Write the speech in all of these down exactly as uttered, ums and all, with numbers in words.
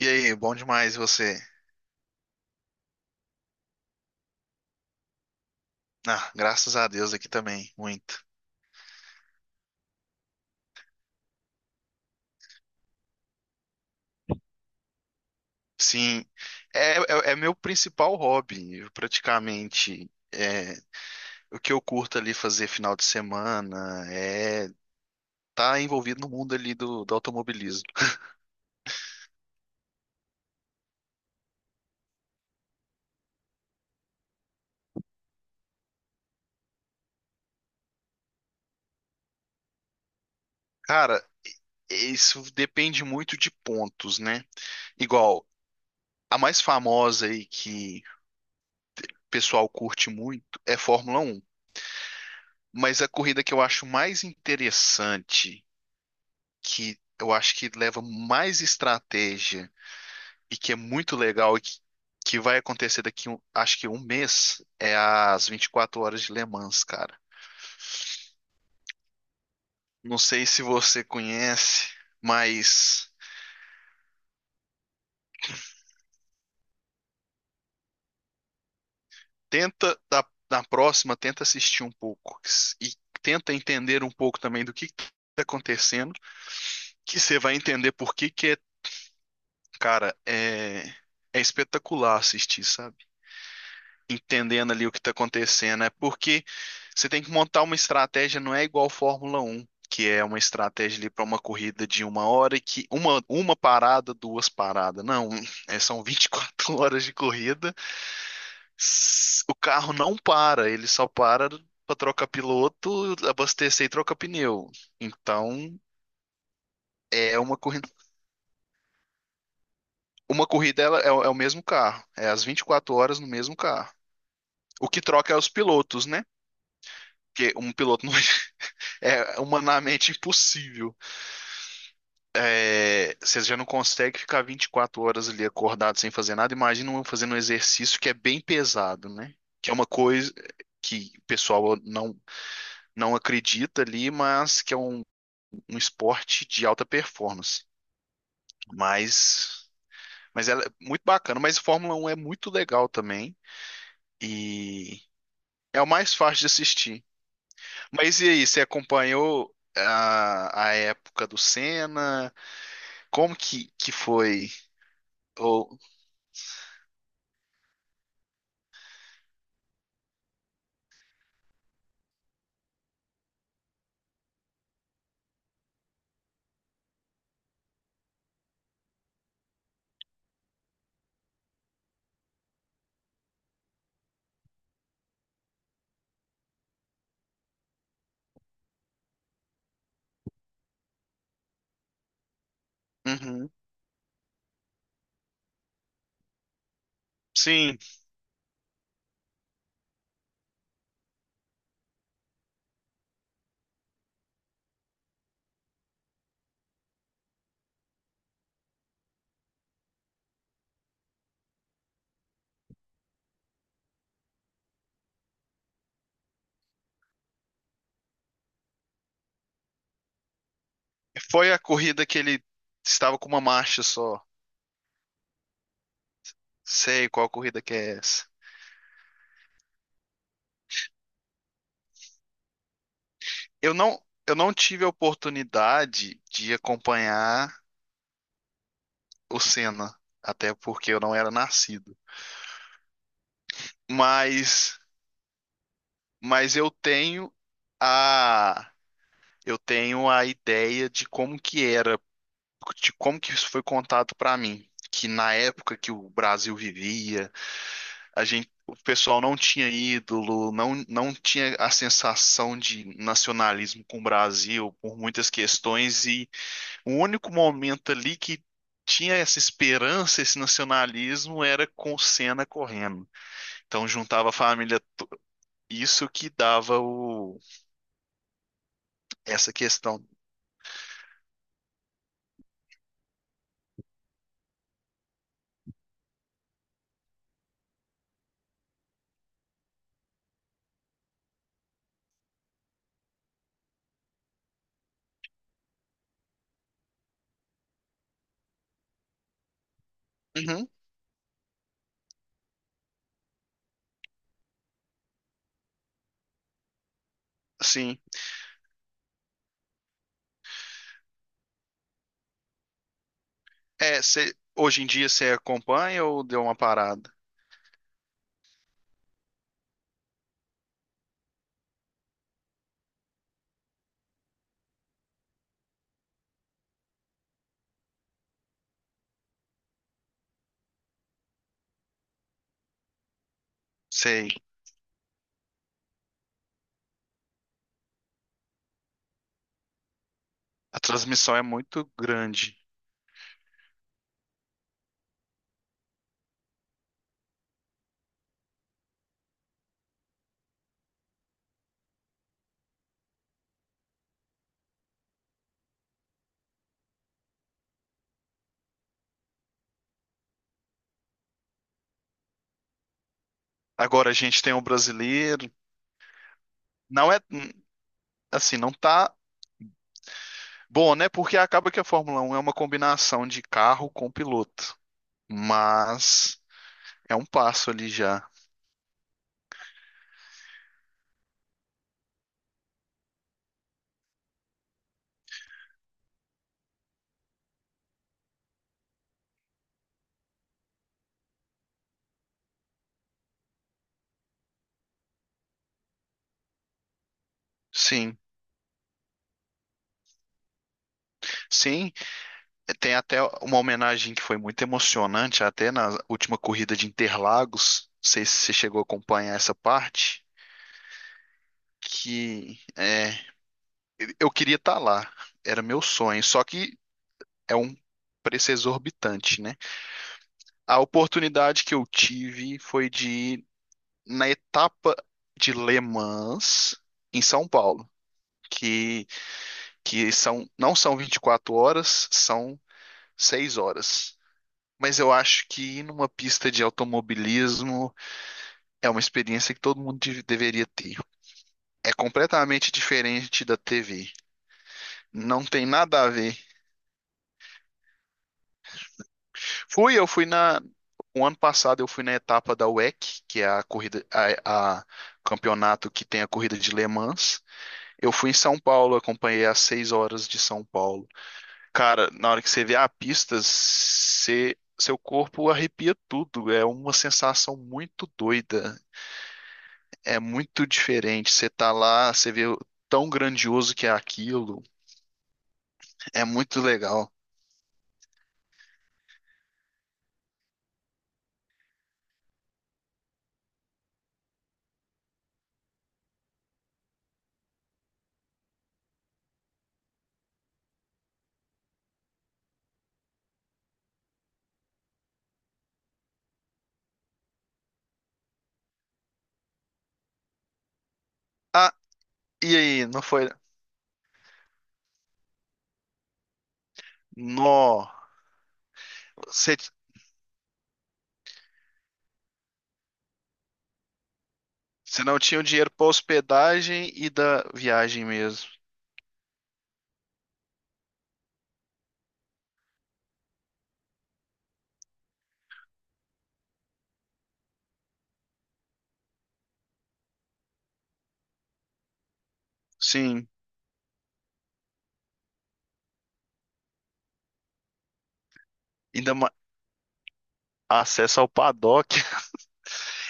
E aí, bom demais e você? Ah, graças a Deus aqui também, muito. Sim, é, é, é meu principal hobby, eu praticamente. É, o que eu curto ali fazer final de semana é tá envolvido no mundo ali do, do automobilismo. Cara, isso depende muito de pontos, né? Igual, a mais famosa aí que o pessoal curte muito é Fórmula Um. Mas a corrida que eu acho mais interessante que eu acho que leva mais estratégia e que é muito legal e que, que vai acontecer daqui, um- acho que um mês, é as vinte e quatro horas de Le Mans, cara. Não sei se você conhece, mas tenta da, na próxima, tenta assistir um pouco e tenta entender um pouco também do que está acontecendo, que você vai entender por que que é, cara, é, é espetacular assistir, sabe? Entendendo ali o que está acontecendo. É porque você tem que montar uma estratégia, não é igual Fórmula Um, que é uma estratégia ali para uma corrida de uma hora e que uma, uma parada, duas paradas. Não, é, são vinte e quatro horas de corrida. S- O carro não para, ele só para para trocar piloto, abastecer e trocar pneu. Então, é uma corrida. Uma corrida, ela é, o- é o mesmo carro, é as vinte e quatro horas no mesmo carro. O que troca é os pilotos, né? Porque um piloto não é humanamente impossível. É, você já não consegue ficar vinte e quatro horas ali acordado sem fazer nada. Imagina um fazendo um exercício que é bem pesado, né? Que é uma coisa que o pessoal não, não acredita ali, mas que é um, um esporte de alta performance. Mas, mas ela é muito bacana. Mas Fórmula Um é muito legal também. E é o mais fácil de assistir. Mas e aí, você acompanhou a, a época do Senna? Como que, que foi Ou, uhum. Sim, foi a corrida que ele estava com uma marcha só. Sei qual corrida que é essa. Eu não, eu não tive a oportunidade de acompanhar o Senna, até porque eu não era nascido. Mas, mas eu tenho a, eu tenho a ideia de como que era, de como que isso foi contado para mim. Que na época que o Brasil vivia, a gente, o pessoal não tinha ídolo, não, não tinha a sensação de nacionalismo com o Brasil por muitas questões, e o único momento ali que tinha essa esperança, esse nacionalismo, era com o Senna correndo. Então juntava a família, isso que dava o, essa questão. Uhum, sim. É, cê- hoje em dia você acompanha ou deu uma parada? Sei, a transmissão é muito grande. Agora a gente tem o brasileiro, não é, hum, assim, não tá bom, né? Porque acaba que a Fórmula Um é uma combinação de carro com piloto, mas é um passo ali já. Sim, sim, tem até uma homenagem que foi muito emocionante, até na última corrida de Interlagos. Não sei se você chegou a acompanhar essa parte, que é, eu queria estar lá, era meu sonho, só que é um preço exorbitante, né? A oportunidade que eu tive foi de ir na etapa de Le Mans, em São Paulo, que, que, são, não são vinte e quatro horas, são seis horas. Mas eu acho que ir numa pista de automobilismo é uma experiência que todo mundo de- deveria ter. É completamente diferente da T V. Não tem nada a ver. Fui, eu fui na. O ano passado eu fui na etapa da W E C, que é a corrida, a, a campeonato que tem a corrida de Le Mans. Eu fui em São Paulo, acompanhei as seis horas de São Paulo. Cara, na hora que você vê a pista, você- seu corpo arrepia tudo. É uma sensação muito doida. É muito diferente. Você tá lá, você vê o tão grandioso que é aquilo. É muito legal. Ah, e aí, não foi? Nó, você, você não tinha o dinheiro pra hospedagem e da viagem mesmo. Sim, ainda ma- acesso ao paddock.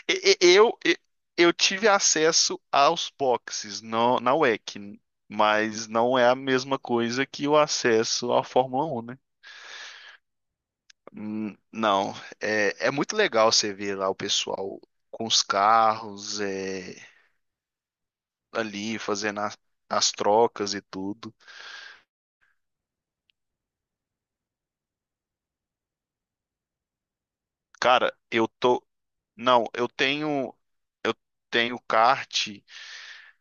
E- e- Eu, e- eu tive acesso aos boxes no- na dáblio é cê, mas não é a mesma coisa que o acesso à Fórmula um, né? Hum, Não, é, é muito legal você ver lá o pessoal com os carros, é, ali fazendo a- as trocas e tudo. Cara, eu tô. Não, eu tenho, tenho kart.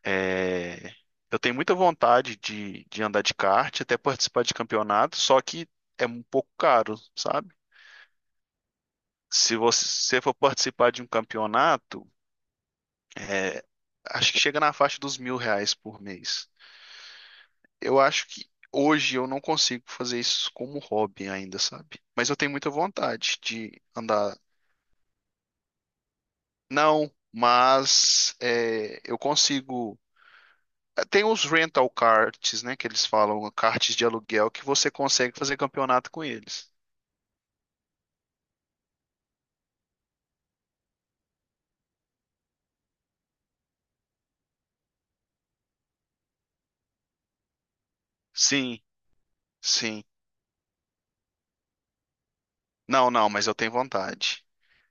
É, eu tenho muita vontade de, de andar de kart, até participar de campeonato, só que é um pouco caro, sabe? Se você for participar de um campeonato, é, acho que chega na faixa dos mil reais por mês. Eu acho que hoje eu não consigo fazer isso como hobby ainda, sabe? Mas eu tenho muita vontade de andar. Não, mas é, eu consigo. Tem os rental karts, né, que eles falam, karts de aluguel, que você consegue fazer campeonato com eles. Sim, sim. Não, não, mas eu tenho vontade.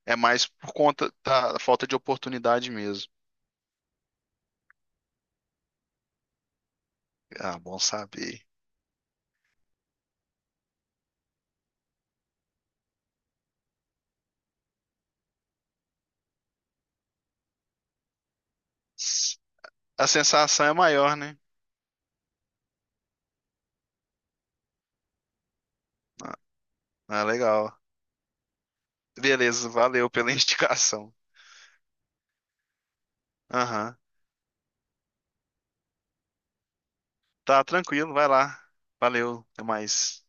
É mais por conta da falta de oportunidade mesmo. Ah, bom saber. A sensação é maior, né? Ah, ah, legal. Beleza, valeu pela indicação. Aham. Tá tranquilo, vai lá. Valeu, até mais.